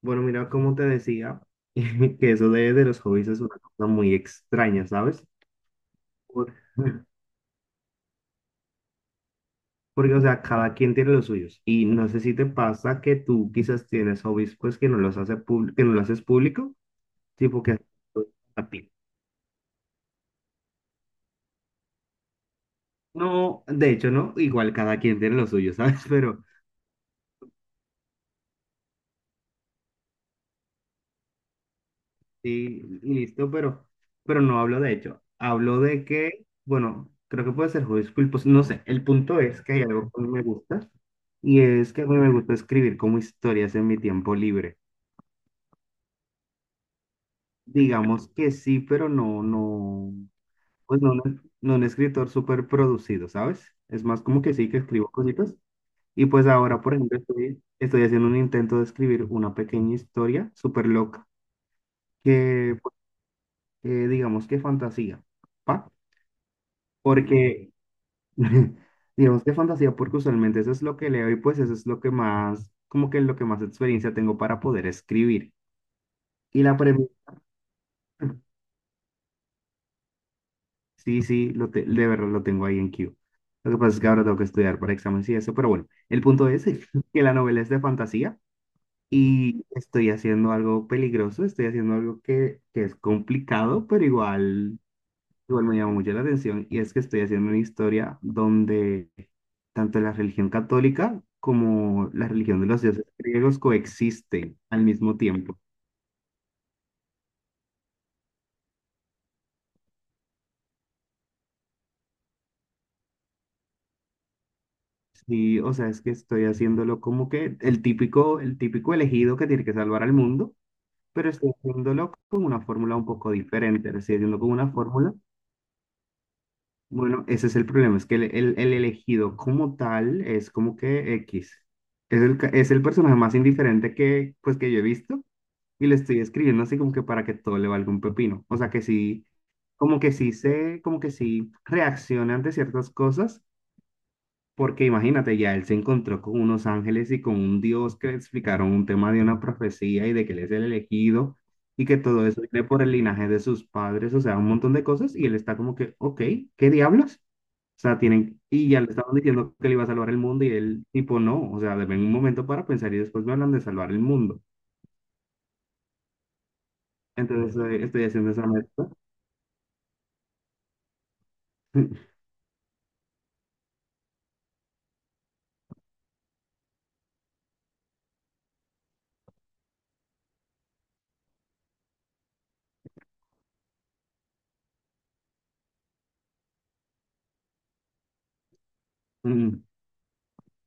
Bueno, mira, como te decía, que eso de los hobbies es una cosa muy extraña, ¿sabes? Por- Porque, o sea, cada quien tiene los suyos. Y no sé si te pasa que tú quizás tienes hobbies, pues, que no lo haces público, tipo que haces a ti. No, de hecho, no, igual cada quien tiene los suyos, ¿sabes? Pero sí, listo, pero no hablo de hecho. Hablo de que, bueno, creo que puede ser juez pues no sé. El punto es que hay algo que me gusta y es que a mí me gusta escribir como historias en mi tiempo libre. Digamos que sí, pero no, no, pues no, no, no un escritor súper producido, ¿sabes? Es más como que sí que escribo cositas. Y pues ahora, por ejemplo, estoy haciendo un intento de escribir una pequeña historia súper loca que, pues, digamos que fantasía, ¿pa? Mm. Porque digamos que fantasía, porque usualmente eso es lo que leo y pues eso es lo que más, como que lo que más experiencia tengo para poder escribir. Y la premisa, sí, sí, de verdad lo tengo ahí en Q. Lo que pasa es que ahora tengo que estudiar para exámenes y eso, pero bueno, el punto es que la novela es de fantasía y estoy haciendo algo peligroso, estoy haciendo algo que es complicado, pero igual me llama mucho la atención y es que estoy haciendo una historia donde tanto la religión católica como la religión de los dioses griegos coexisten al mismo tiempo. Sí, o sea, es que estoy haciéndolo como que el típico elegido que tiene que salvar al mundo, pero estoy haciéndolo con una fórmula un poco diferente, lo estoy haciendo con una fórmula. Bueno, ese es el problema, es que el elegido como tal es como que X. Es el personaje más indiferente que, pues, que yo he visto. Y le estoy escribiendo así como que para que todo le valga un pepino. O sea que sí, como que sí reacciona ante ciertas cosas, porque imagínate, ya él se encontró con unos ángeles y con un Dios que le explicaron un tema de una profecía y de que él es el elegido y que todo eso viene por el linaje de sus padres, o sea, un montón de cosas y él está como que, ok, ¿qué diablos? O sea, tienen, y ya le estaban diciendo que le iba a salvar el mundo y él tipo no, o sea, deben un momento para pensar y después me hablan de salvar el mundo. Entonces estoy haciendo esa mezcla. Mm, mm,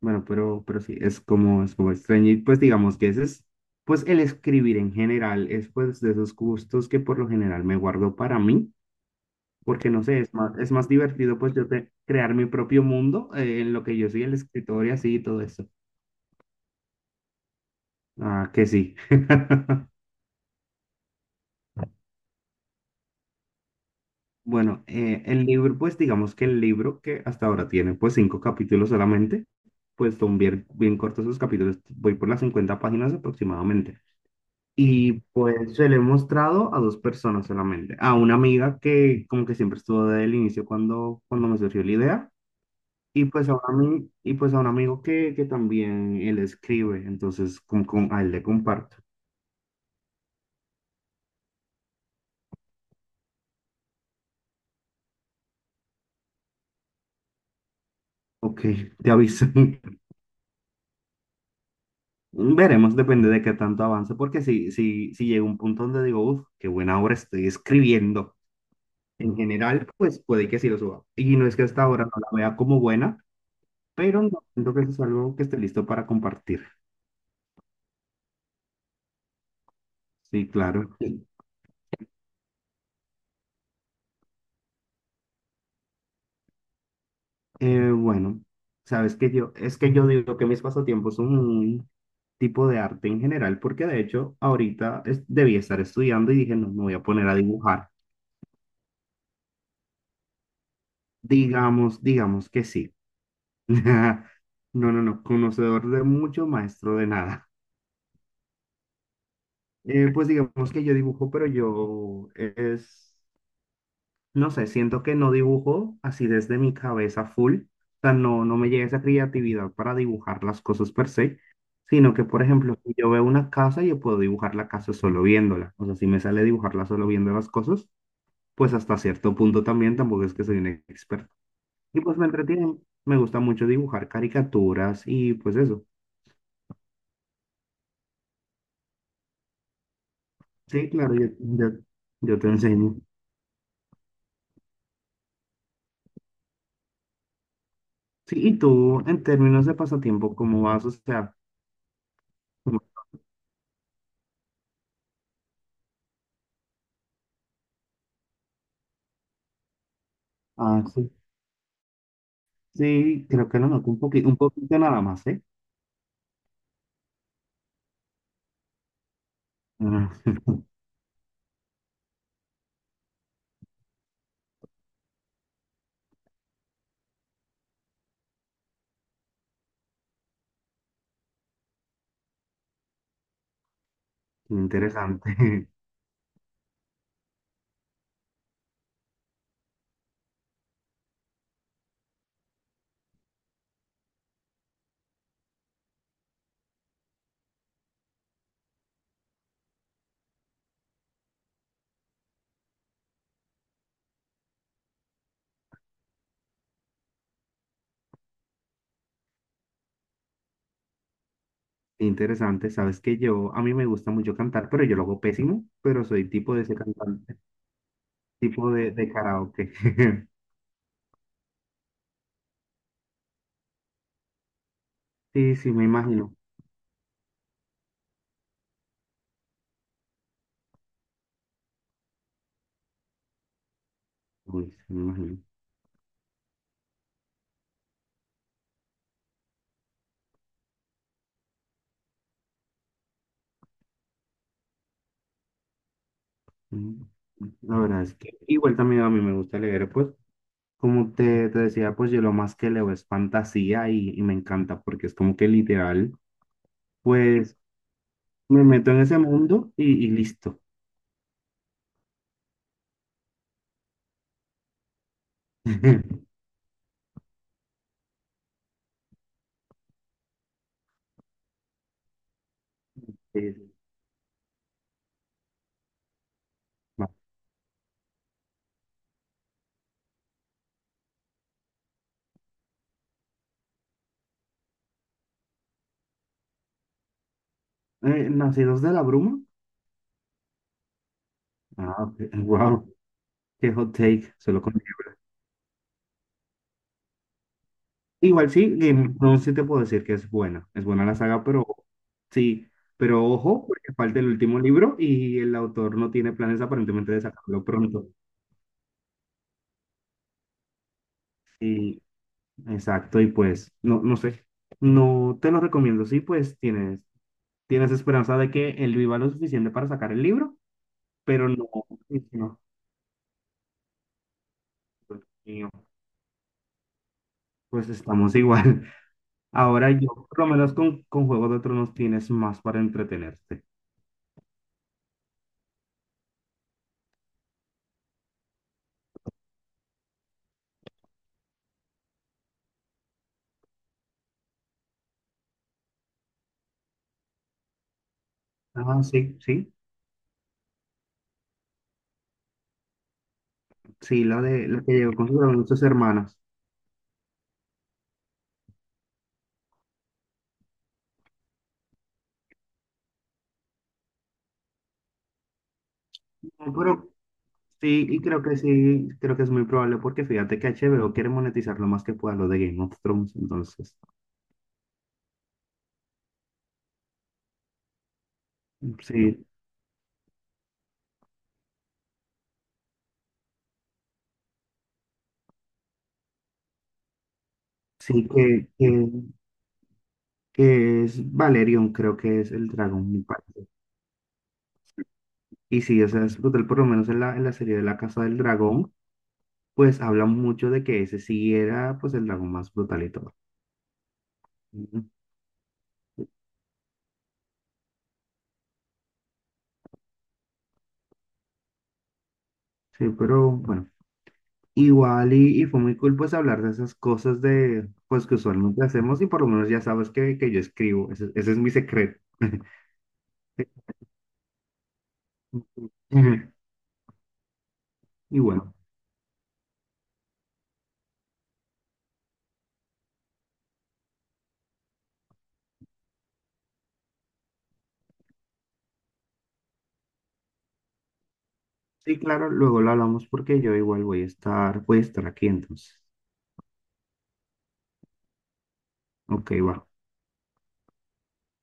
Bueno, pero sí, es como extraño. Y pues digamos que ese es, pues el escribir en general es pues de esos gustos que por lo general me guardo para mí, porque no sé, es más divertido pues crear mi propio mundo en lo que yo soy el escritor y así y todo eso. Ah, que sí. Bueno, el libro, pues digamos que el libro que hasta ahora tiene pues cinco capítulos solamente, pues son bien, bien cortos esos capítulos, voy por las 50 páginas aproximadamente. Y pues se lo he mostrado a dos personas solamente. A una amiga que como que siempre estuvo desde el inicio cuando, cuando me surgió la idea. Y pues a un, ami- y pues a un amigo que también él escribe. Entonces a él le comparto. Ok, te aviso. Veremos, depende de qué tanto avance. Porque si llega un punto donde digo, uff, qué buena obra estoy escribiendo. En general, pues puede que sí lo suba. Y no es que hasta ahora no la vea como buena, pero no siento que eso es algo que esté listo para compartir. Sí, claro. Bueno, sabes que yo, es que yo digo que mis pasatiempos son un tipo de arte en general, porque de hecho ahorita debía estar estudiando y dije, no, me voy a poner a dibujar. Digamos que sí. No, no, no, conocedor de mucho, maestro de nada. Pues digamos que yo dibujo, pero yo es no sé, siento que no dibujo así desde mi cabeza full, o sea, no me llega esa creatividad para dibujar las cosas per se, sino que, por ejemplo, si yo veo una casa, yo puedo dibujar la casa solo viéndola, o sea, si me sale dibujarla solo viendo las cosas, pues hasta cierto punto también, tampoco es que soy un experto. Y pues me entretiene, me gusta mucho dibujar caricaturas y pues eso. Sí, claro, yo te enseño. Sí, y tú, en términos de pasatiempo, ¿cómo vas? O sea, ¿cómo? Ah, sí. Sí, creo que lo noto un poquito nada más, ¿eh? Ah, interesante, interesante. Sabes que yo, a mí me gusta mucho cantar, pero yo lo hago pésimo, pero soy tipo de ese cantante, tipo de karaoke. Sí, sí, me imagino. Uy, sí, me imagino. Mm, la verdad es que igual también a mí me gusta leer, pues, como te decía, pues yo lo más que leo es fantasía y me encanta porque es como que literal, pues me meto en ese mundo y listo. Sí, sí. ¿Nacidos de la Bruma? Ah, wow, qué hot take, se lo conllevo. Igual sí, Game of Thrones sí te puedo decir que es buena la saga, pero sí, pero ojo, porque falta el último libro y el autor no tiene planes aparentemente de sacarlo pronto. Y exacto, y pues, no, no sé, no te lo recomiendo, sí, pues tienes, esperanza de que él viva lo suficiente para sacar el libro, pero no, sí, no, Dios mío, pues estamos igual. Ahora yo, por lo menos con Juego de Tronos tienes más para entretenerte. Ah, sí, sí, sí, la de la que llegó con sus hermanas. No, pero sí, y creo que sí, creo que es muy probable porque fíjate que HBO quiere monetizar lo más que pueda lo de Game of Thrones, entonces sí, sí que es Valerion, creo que es el dragón, mi parte. Y sí, o sea, es brutal, por lo menos en la serie de La Casa del Dragón, pues hablan mucho de que ese sí era pues el dragón más brutal y todo. Sí, pero bueno, igual y fue muy cool pues hablar de esas cosas de pues que usualmente hacemos y por lo menos ya sabes que yo escribo, ese es mi secreto. Ujú. Y bueno, sí, claro, luego lo hablamos porque yo igual voy a estar aquí entonces. Ok, va.